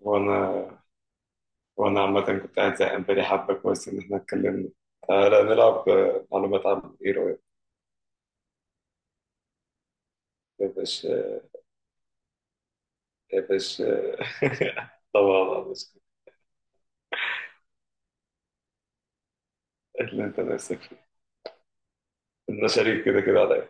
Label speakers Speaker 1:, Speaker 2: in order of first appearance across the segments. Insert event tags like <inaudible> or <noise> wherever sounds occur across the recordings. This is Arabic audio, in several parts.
Speaker 1: وانا وانا عامة كنت قاعد زهقان بقالي حبة كويس ان احنا اتكلمنا. تعالى نلعب، معلومات عامة، ايه رأيك؟ يا باشا، يا باشا. <laughs> طبعا يا باشا. اللي انت نفسك فيه. انت شريك كده كده عليا.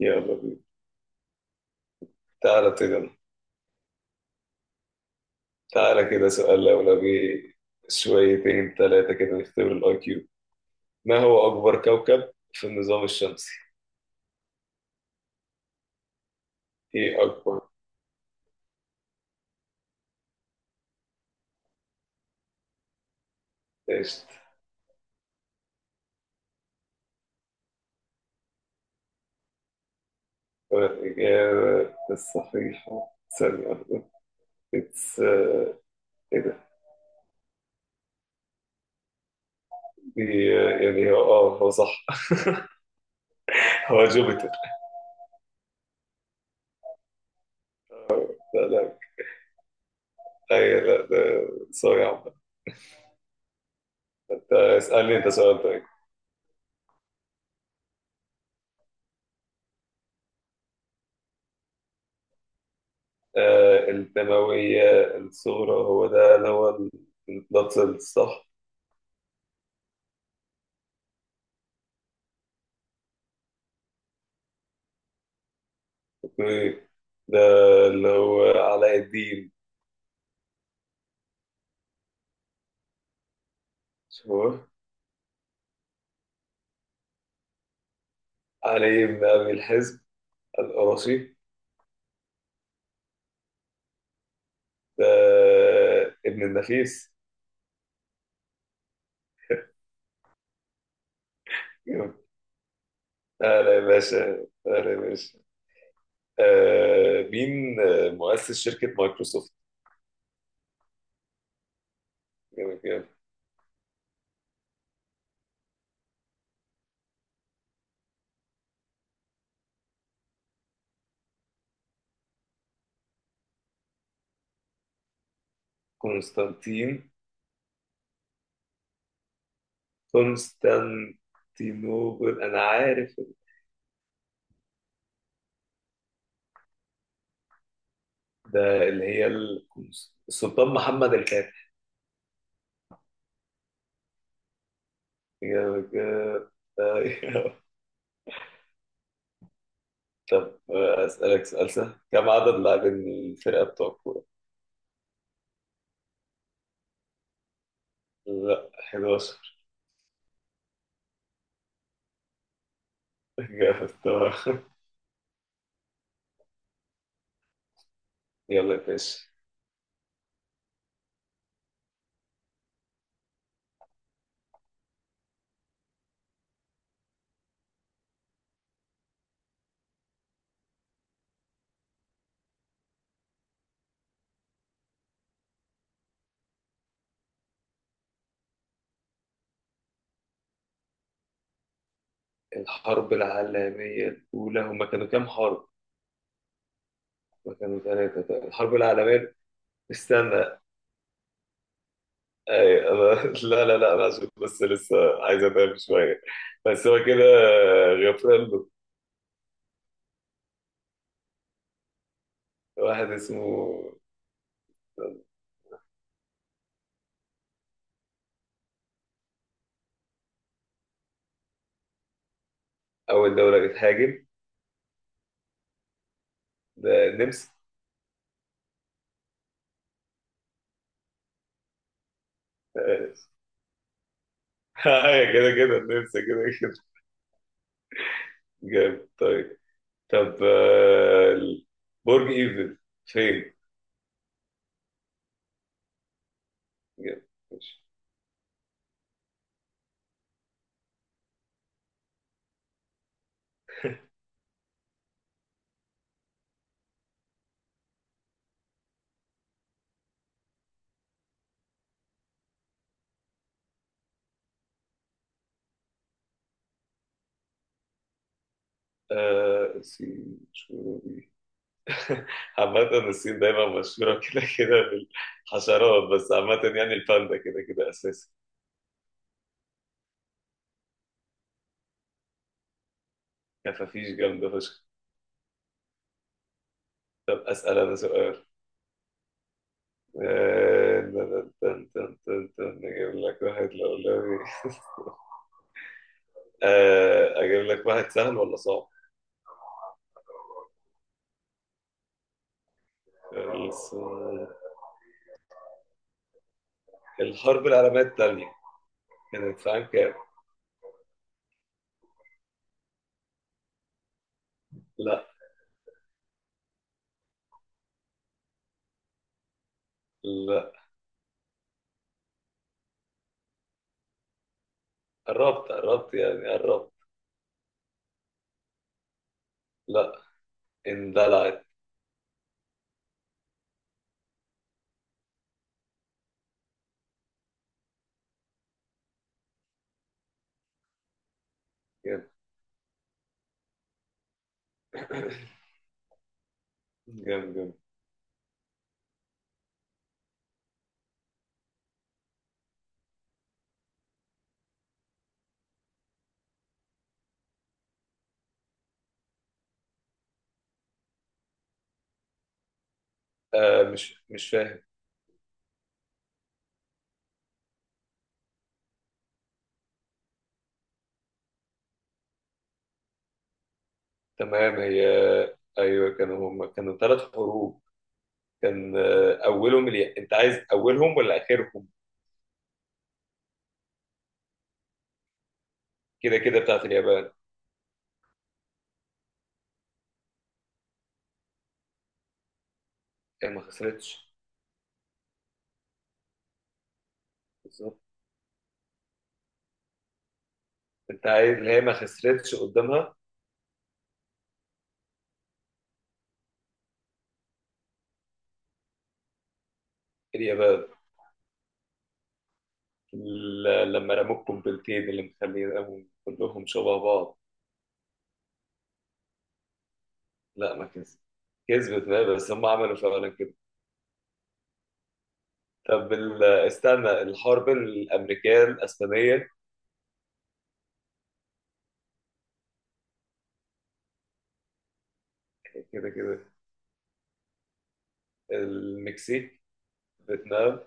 Speaker 1: يلا بينا. تعالى ابتدي أنا. تعالى كده سؤال لولبي، شويتين ثلاثة كده نختبر الاي كيو. ما هو أكبر كوكب في النظام الشمسي؟ ايه أكبر؟ ايش؟ الإجابة الصحيحة ثانية واحدة. اتس. يعني هو هو صح. <laughs> هو جوبيتر. لا لا. اي لا، ده سوري يا عم. ده اسألني انت سؤال طيب. آه، الدموية الصغرى، هو ده اللي هو البلاد سيلز، صح؟ اوكي. ده اللي هو علاء الدين. شوف، علي بن ابي الحزب القرشي. ده ابن النفيس. جامد. اهلا يا باشا، اهلا يا باشا. مين، مؤسس شركة مايكروسوفت؟ جامد جامد. كونستانتين. كونستانتينوبل انا عارف. ده اللي هي السلطان محمد الفاتح. إجابة- إجابة- <laughs> طب اسالك سؤال سهل، كم عدد لاعبين الفرقه بتوع الكوره؟ لا، 11. جامد <laughs> طبعا. يلا يا باشا. الحرب العالميه الاولى، هما كانوا كام حرب؟ هما كانوا ثلاثه الحرب العالميه. استنى، أي أنا. <laughs> لا. أنا عشان بس لسه عايز أتعب شوية. بس هو كده، غفران. واحد اسمه. أول دولة بتهاجم، ده النمسا. <laughs> أيوة كده كده، النمسا كده كده. جامد. طيب، طب، برج إيفل فين؟ جامد. ماشي. آه، الصين مشهورة بيه. <laughs> عامة الصين دايما مشهورة <laughs> كده كده بالحشرات، بس عامة يعني الباندا كده كده أساسي. كفافيش جامدة فشخ. طب أسأل أنا سؤال. آه، تن- تن- تن- تن- تن. أجيب لك واحد <laughs> أجيب لك واحد سهل ولا صعب؟ الص- الحرب العالمية التانية كانت في عام كام؟ لا. لا. قربت قربت، يعني قربت. لا، اندلعت. جامد. <coughs> جامد جامد. آه، مش فاهم. تمام. هي، أيوه كانوا، هم كانوا ثلاث حروب. كان أولهم اليا... أنت عايز أولهم ولا آخرهم؟ كده كده بتاعت اليابان. هي ما خسرتش. بالظبط. انت عايز اللي هي ما خسرتش قدامها. اليابان. لما رموا القنبلتين اللي مخليهم كلهم شبه بعض. لا ما كسبت. كسبت بقى، بس هم عملوا فعلا كده. طب استنى، الحرب الامريكيه الاسبانيه. كده كده. المكسيك. فيتنام.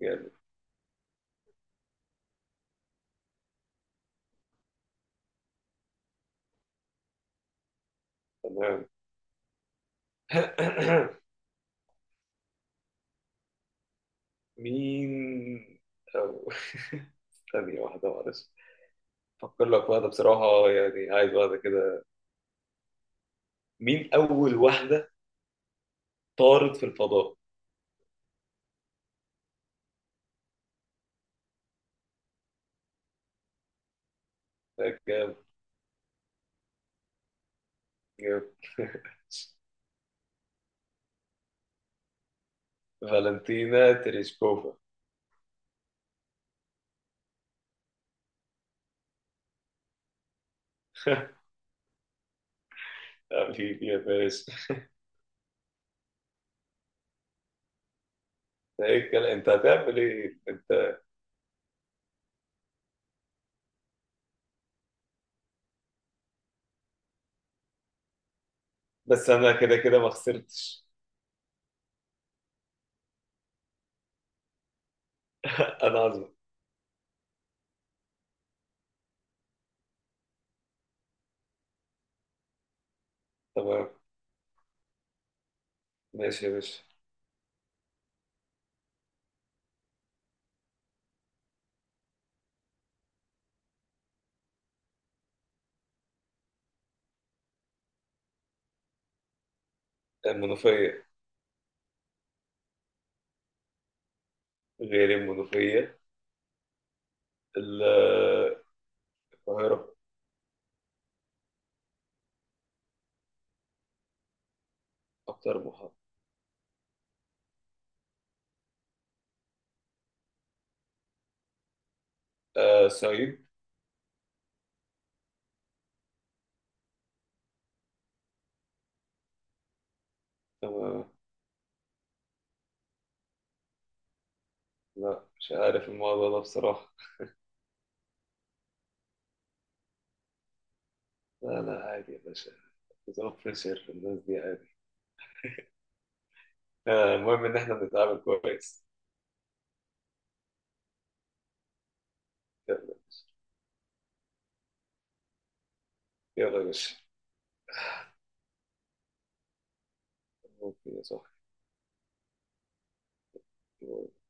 Speaker 1: يعني. تمام. <coughs> مين، أو... ثانية واحدة معلش، أفكر لك واحدة بصراحة، يعني عايز واحدة كده. مين أول واحدة طارت في الفضاء؟ جامد. <laughs> فالنتينا تريشكوفا. حبيبي يا باشا. <laughs> ده ايه الكلام، انت هتعمل ايه انت؟ بس انا كده كده ما خسرتش. انا عظمة. تمام. ماشي يا باشا. المنوفية. غير المنوفية. ال- القاهرة. أكتر محافظة. آه، صعيد. تمام. لا مش عارف الموضوع ده بصراحة. لا لا، عادي يا باشا. نظام فريشر الناس دي، عادي. آه المهم إن إحنا بنتعامل كويس. يلا يا باشا، يلا يا باشا. ممكن يا صاحبي.